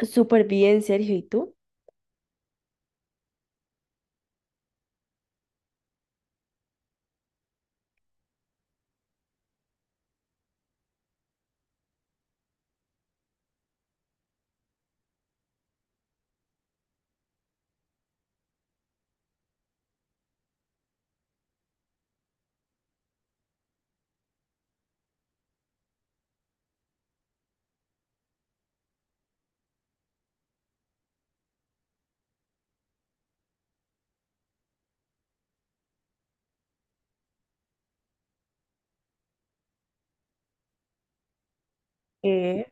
Súper bien, Sergio. ¿Y tú? Eh,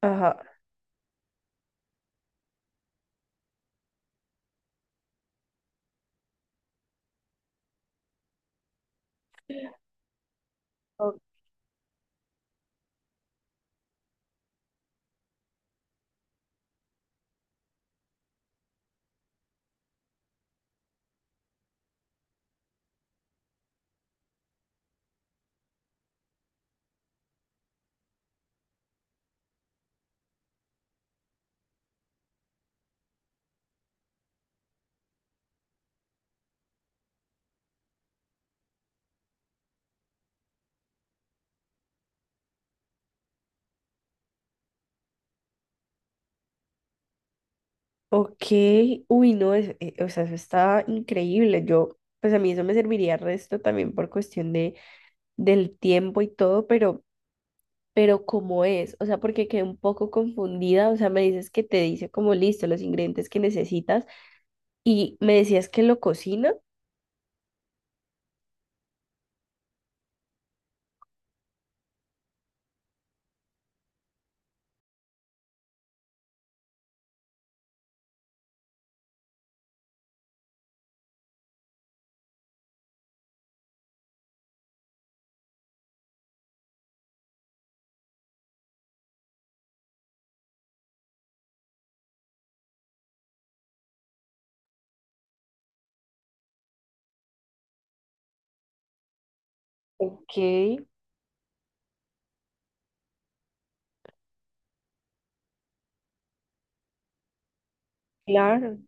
ajá. o- ok. Uy, no, o sea, eso está increíble. Yo, pues a mí eso me serviría resto también por cuestión del tiempo y todo, pero ¿cómo es? O sea, porque quedé un poco confundida. O sea, me dices que te dice como listo los ingredientes que necesitas y me decías que lo cocina. Ok, claro.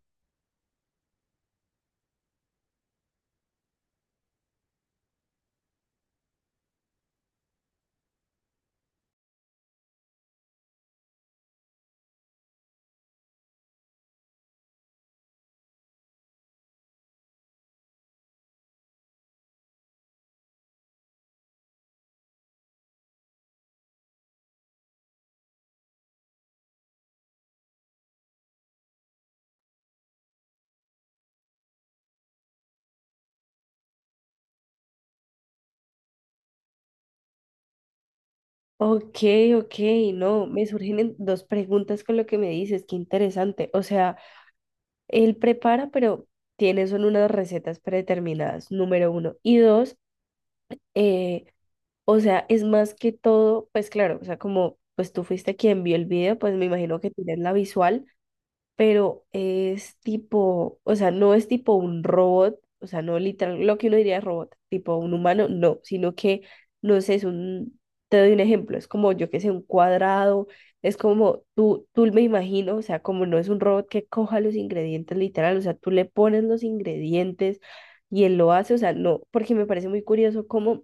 Ok, ok, no, me surgen dos preguntas con lo que me dices, qué interesante. O sea, él prepara, pero tiene son unas recetas predeterminadas, número uno. Y dos, eh, o sea, es más que todo, pues claro, o sea, como pues tú fuiste quien vio el video, pues me imagino que tienes la visual, pero es tipo, o sea, no es tipo un robot, o sea, no literal, lo que uno diría es robot, tipo un humano, no, sino que, no sé, es un, te doy un ejemplo, es como, yo que sé, un cuadrado, es como tú me imagino, o sea, como no es un robot que coja los ingredientes literal, o sea, tú le pones los ingredientes y él lo hace, o sea, no, porque me parece muy curioso cómo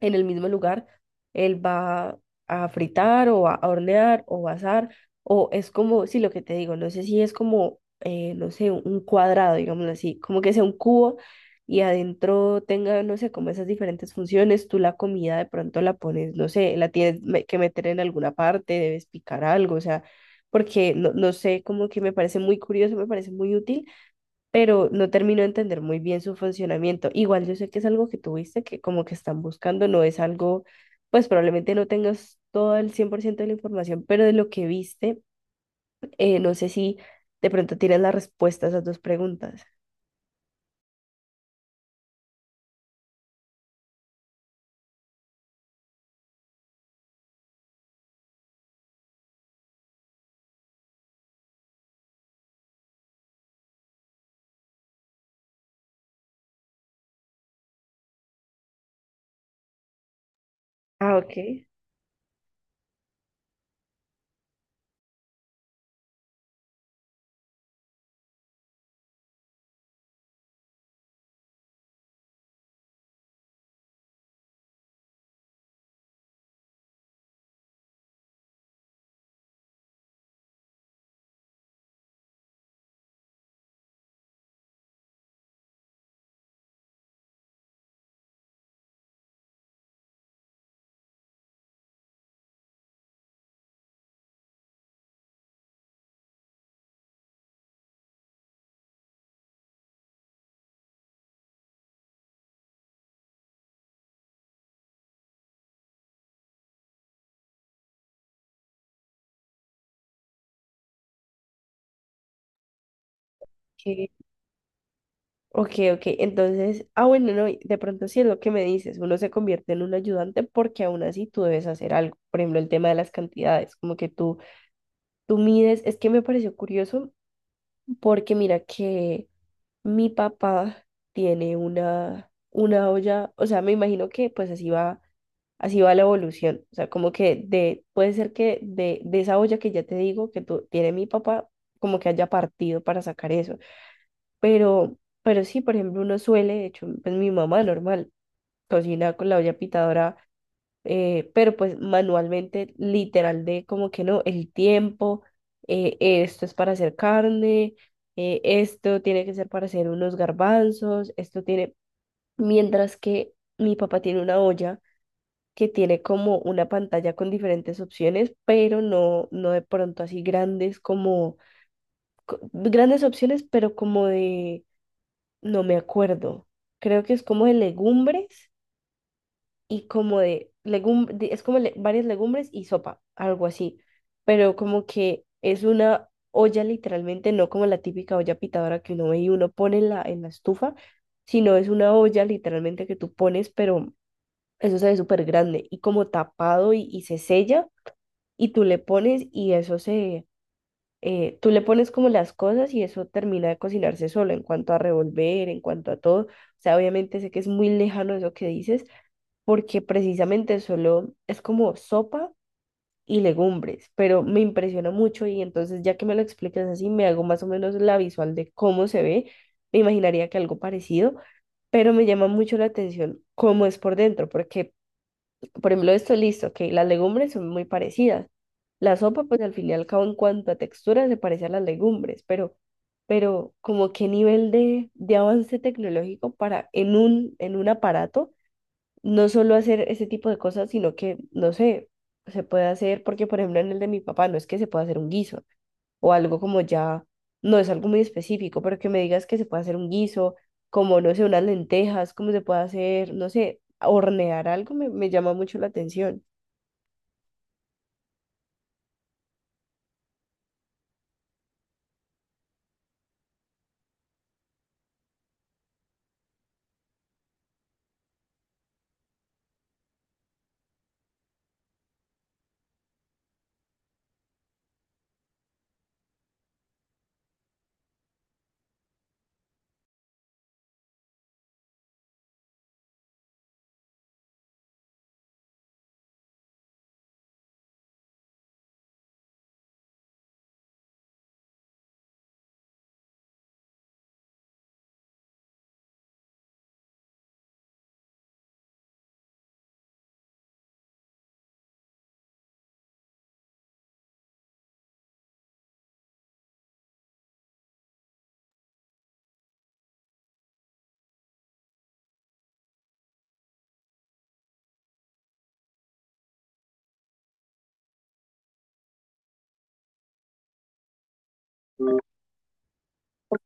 en el mismo lugar, él va a fritar o va a hornear o va a asar, o es como, sí, lo que te digo, no sé si es como, no sé, un cuadrado, digámoslo así, como que sea un cubo y adentro tenga, no sé, como esas diferentes funciones, tú la comida de pronto la pones, no sé, la tienes que meter en alguna parte, debes picar algo, o sea, porque no, no sé, como que me parece muy curioso, me parece muy útil, pero no termino de entender muy bien su funcionamiento. Igual yo sé que es algo que tuviste, que como que están buscando, no es algo, pues probablemente no tengas todo el 100% de la información, pero de lo que viste, no sé si de pronto tienes la respuesta a esas dos preguntas. Ah, ok. Ok, ok, ok. Entonces, ah, bueno, no, y de pronto sí es lo que me dices, uno se convierte en un ayudante porque aún así tú debes hacer algo. Por ejemplo, el tema de las cantidades, como que tú mides, es que me pareció curioso porque mira que mi papá tiene una olla, o sea, me imagino que pues así va la evolución. O sea, como puede ser que de esa olla que ya te digo que tiene mi papá, como que haya partido para sacar eso. Pero, pero sí, por ejemplo, uno suele, de hecho, pues mi mamá normal, cocina con la olla pitadora, pero pues manualmente, literal, de como que no, el tiempo, esto es para hacer carne, esto tiene que ser para hacer unos garbanzos, esto tiene, mientras que mi papá tiene una olla que tiene como una pantalla con diferentes opciones, pero no, no de pronto así grandes como, grandes opciones, pero como de, no me acuerdo, creo que es como de legumbres y como de es como varias legumbres y sopa, algo así. Pero como que es una olla literalmente, no como la típica olla pitadora que uno ve y uno pone en la estufa, sino es una olla literalmente que tú pones, pero eso se ve súper grande y como tapado y se sella y tú le pones y eso tú le pones como las cosas y eso termina de cocinarse solo en cuanto a revolver, en cuanto a todo. O sea, obviamente sé que es muy lejano eso que dices, porque precisamente solo es como sopa y legumbres, pero me impresiona mucho y entonces ya que me lo explicas así, me hago más o menos la visual de cómo se ve. Me imaginaría que algo parecido, pero me llama mucho la atención cómo es por dentro, porque, por ejemplo, esto listo, que las legumbres son muy parecidas. La sopa, pues al fin y al cabo, en cuanto a textura, se parece a las legumbres, pero como qué nivel de avance tecnológico para en un aparato, no solo hacer ese tipo de cosas, sino que, no sé, se puede hacer, porque por ejemplo en el de mi papá no es que se pueda hacer un guiso o algo como ya, no es algo muy específico, pero que me digas que se puede hacer un guiso, como, no sé, unas lentejas, cómo se puede hacer, no sé, hornear algo, me llama mucho la atención.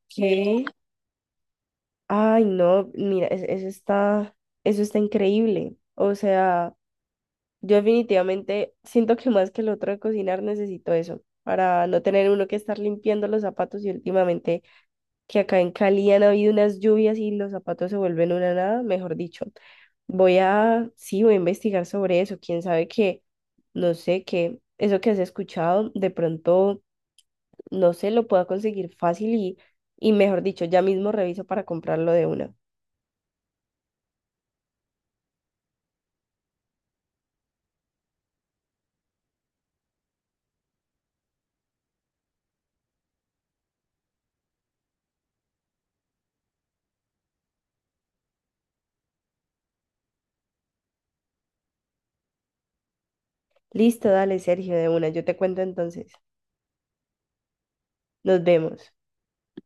¿Qué? Ay, no, mira, eso está increíble. O sea, yo definitivamente siento que más que el otro de cocinar necesito eso, para no tener uno que estar limpiando los zapatos y últimamente que acá en Cali han habido unas lluvias y los zapatos se vuelven una nada, mejor dicho. Sí, voy a investigar sobre eso. Quién sabe que, no sé, que eso que has escuchado, de pronto, no sé, lo pueda conseguir fácil y mejor dicho, ya mismo reviso para comprarlo de una. Listo, dale, Sergio, de una. Yo te cuento entonces. Nos vemos.